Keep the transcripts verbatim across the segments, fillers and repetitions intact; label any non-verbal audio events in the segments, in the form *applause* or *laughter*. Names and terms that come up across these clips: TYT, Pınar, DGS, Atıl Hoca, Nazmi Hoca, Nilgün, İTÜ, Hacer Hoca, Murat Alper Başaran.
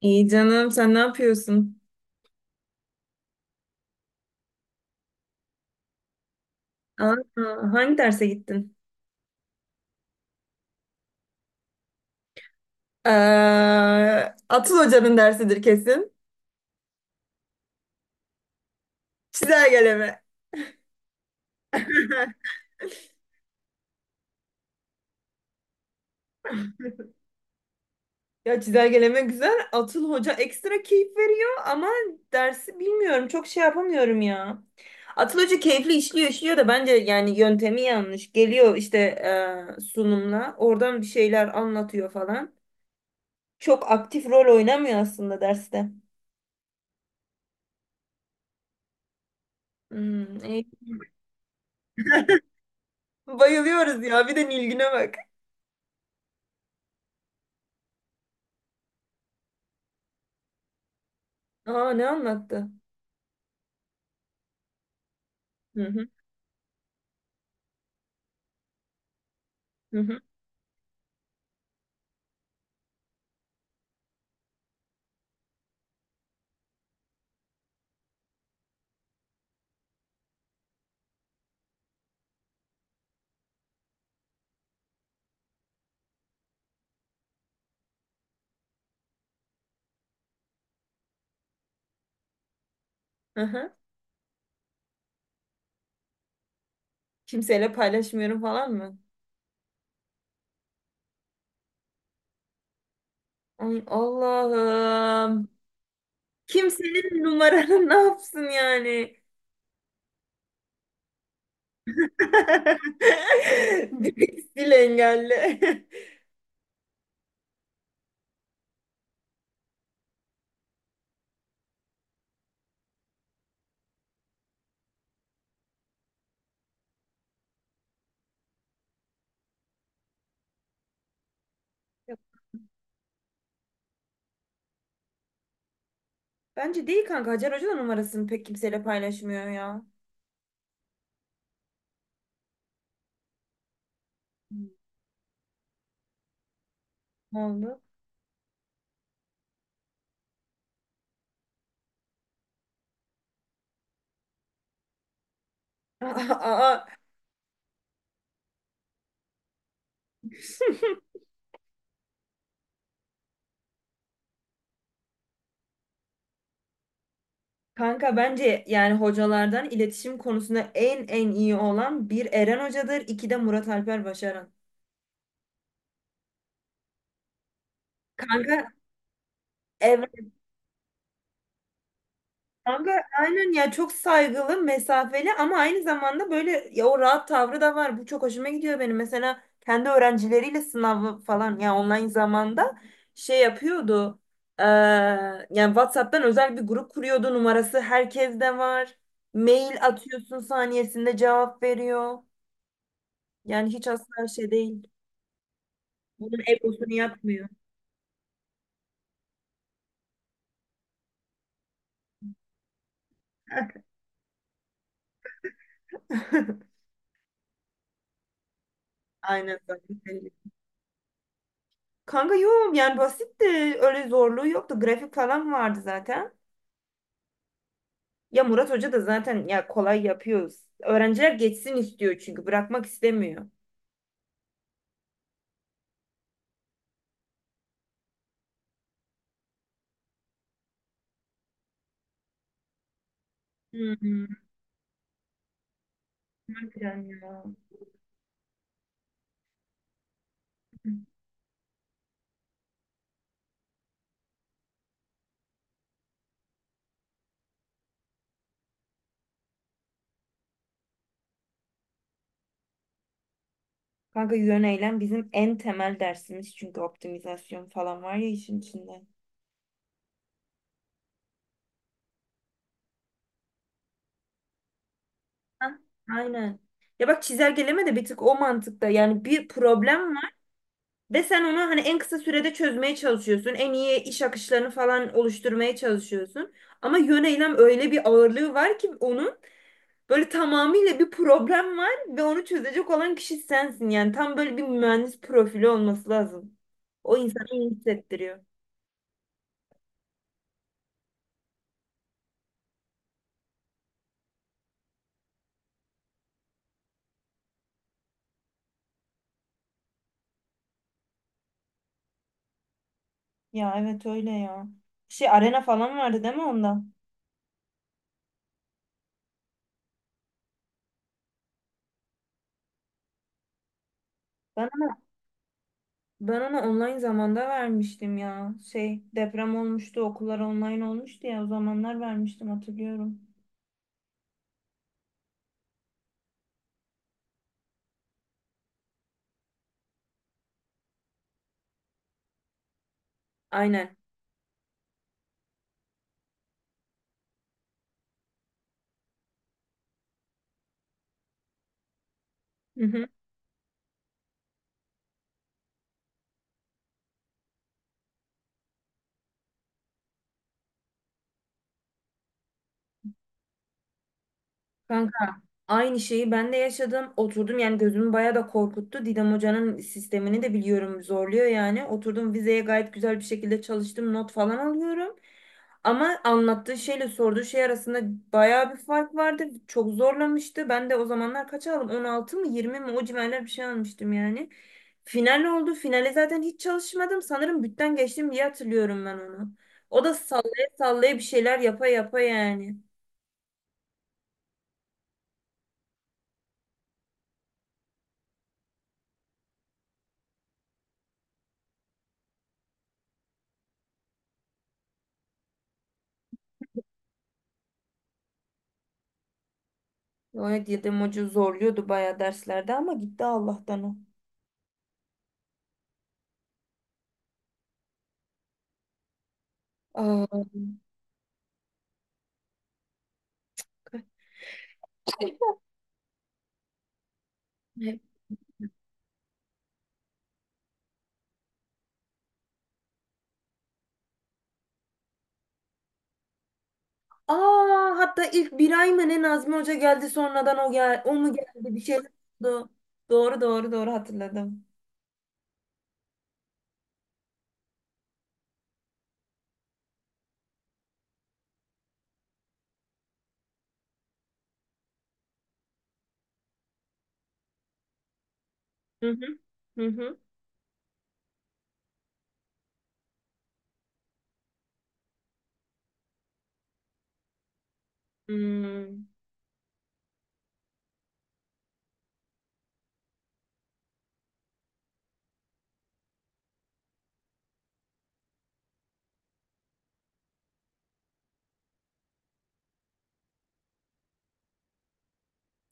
İyi canım sen ne yapıyorsun? Aa, hangi derse gittin? Ee, Atıl Hoca'nın dersidir kesin. Çizelgeleme. *laughs* Ya çizelgeleme güzel. Atıl Hoca ekstra keyif veriyor ama dersi bilmiyorum. Çok şey yapamıyorum ya. Atıl Hoca keyifli işliyor işliyor da bence yani yöntemi yanlış. Geliyor işte e, sunumla. Oradan bir şeyler anlatıyor falan. Çok aktif rol oynamıyor aslında derste. Hmm, iyi. Bayılıyoruz ya. Bir de Nilgün'e bak. Aa, ne anlattı? Hı hı, hı hı. Hı hı. Kimseyle paylaşmıyorum falan mı? Ay Allah'ım. Kimsenin numaranı ne yapsın yani? *laughs* Direkt sil engelli. *laughs* Ya, bence değil kanka. Hacer Hoca da numarasını pek kimseyle paylaşmıyor ya. Ne oldu? Aa, aa. *laughs* Kanka bence yani hocalardan iletişim konusunda en en iyi olan bir Eren Hoca'dır, iki de Murat Alper Başaran. Kanka ev Kanka aynen ya, çok saygılı, mesafeli ama aynı zamanda böyle ya o rahat tavrı da var. Bu çok hoşuma gidiyor benim. Mesela kendi öğrencileriyle sınavı falan ya, online zamanda şey yapıyordu. Eee, yani WhatsApp'tan özel bir grup kuruyordu. Numarası herkeste var. Mail atıyorsun, saniyesinde cevap veriyor. Yani hiç asla şey değil. Bunun egosunu yapmıyor. *laughs* Aynen zaten. Kanka yok, yani basitti. Öyle zorluğu yoktu. Grafik falan vardı zaten. Ya Murat Hoca da zaten ya, kolay yapıyoruz. Öğrenciler geçsin istiyor çünkü bırakmak istemiyor. Hmm, harbiden ya. Kanka yön eylem bizim en temel dersimiz, çünkü optimizasyon falan var ya işin içinde. Ha, aynen. Ya bak, çizelgeleme de bir tık o mantıkta. Yani bir problem var ve sen onu hani en kısa sürede çözmeye çalışıyorsun. En iyi iş akışlarını falan oluşturmaya çalışıyorsun. Ama yön eylem, öyle bir ağırlığı var ki onun. Böyle tamamıyla bir problem var ve onu çözecek olan kişi sensin. Yani tam böyle bir mühendis profili olması lazım. O, insanı iyi hissettiriyor. Ya evet, öyle ya. Şey, arena falan vardı değil mi onda? Ben ben ona online zamanda vermiştim ya. Şey, deprem olmuştu, okullar online olmuştu ya, o zamanlar vermiştim hatırlıyorum. Aynen. Hı hı. Kanka aynı şeyi ben de yaşadım. Oturdum, yani gözümü bayağı da korkuttu. Didem Hoca'nın sistemini de biliyorum, zorluyor yani. Oturdum vizeye, gayet güzel bir şekilde çalıştım. Not falan alıyorum. Ama anlattığı şeyle sorduğu şey arasında bayağı bir fark vardı. Çok zorlamıştı. Ben de o zamanlar kaç aldım? on altı mı yirmi mi, o civarlar bir şey almıştım yani. Final oldu. Finale zaten hiç çalışmadım. Sanırım bütten geçtim diye hatırlıyorum ben onu. O da sallaya sallaya, bir şeyler yapa yapa yani. Evet, Yedem Hoca zorluyordu bayağı derslerde ama gitti Allah'tan o. Aa, kaç- ne? Aa, hatta ilk bir ay mı ne Nazmi Hoca geldi sonradan, o gel o mu geldi bir şey oldu. Doğru doğru doğru, hatırladım. Hı hı. Hı hı. Hmm.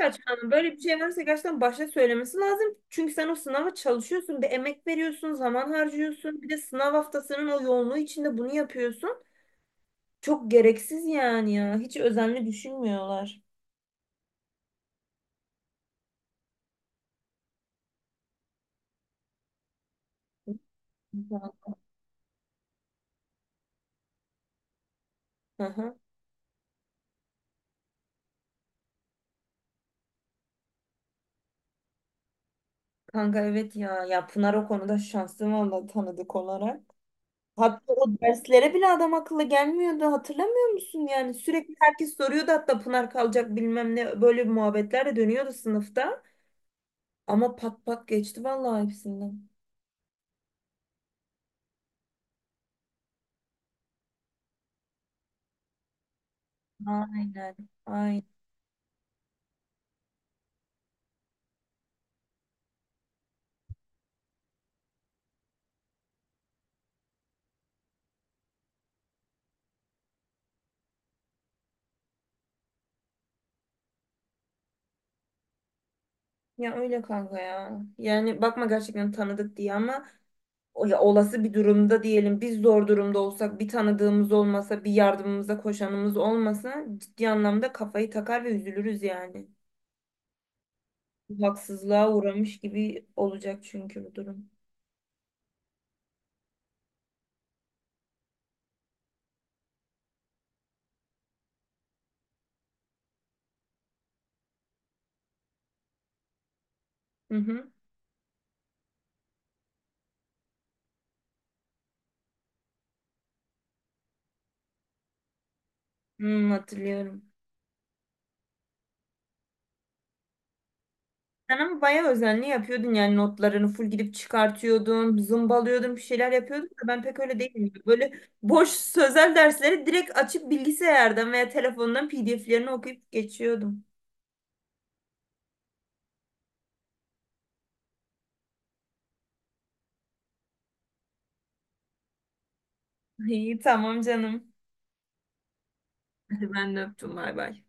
Saçmalama. Böyle bir şey varsa gerçekten başta söylemesi lazım. Çünkü sen o sınava çalışıyorsun, bir emek veriyorsun, zaman harcıyorsun. Bir de sınav haftasının o yoğunluğu içinde bunu yapıyorsun. Çok gereksiz yani ya. Hiç özenli düşünmüyorlar. Hı hı. Kanka evet ya. Ya Pınar o konuda şanslı valla, tanıdık olarak. Hatta o derslere bile adam akıllı gelmiyordu. Hatırlamıyor musun yani? Sürekli herkes soruyordu, hatta Pınar kalacak bilmem ne. Böyle bir muhabbetler de dönüyordu sınıfta. Ama pat pat geçti vallahi hepsinden. Aynen. Aynen. Ya öyle kanka ya. Yani bakma gerçekten tanıdık diye, ama o- ya, olası bir durumda diyelim biz zor durumda olsak, bir tanıdığımız olmasa, bir yardımımıza koşanımız olmasa, ciddi anlamda kafayı takar ve üzülürüz yani. Haksızlığa uğramış gibi olacak çünkü bu durum. Hı hı. Hmm, hatırlıyorum. Sen ama bayağı özenli yapıyordun yani, notlarını full gidip çıkartıyordun, zımbalıyordun, bir şeyler yapıyordun da ben pek öyle değilim. Böyle boş sözel dersleri direkt açıp bilgisayardan veya telefondan P D F'lerini okuyup geçiyordum. *laughs* İyi, tamam canım. Hadi ben de öptüm, bay bay.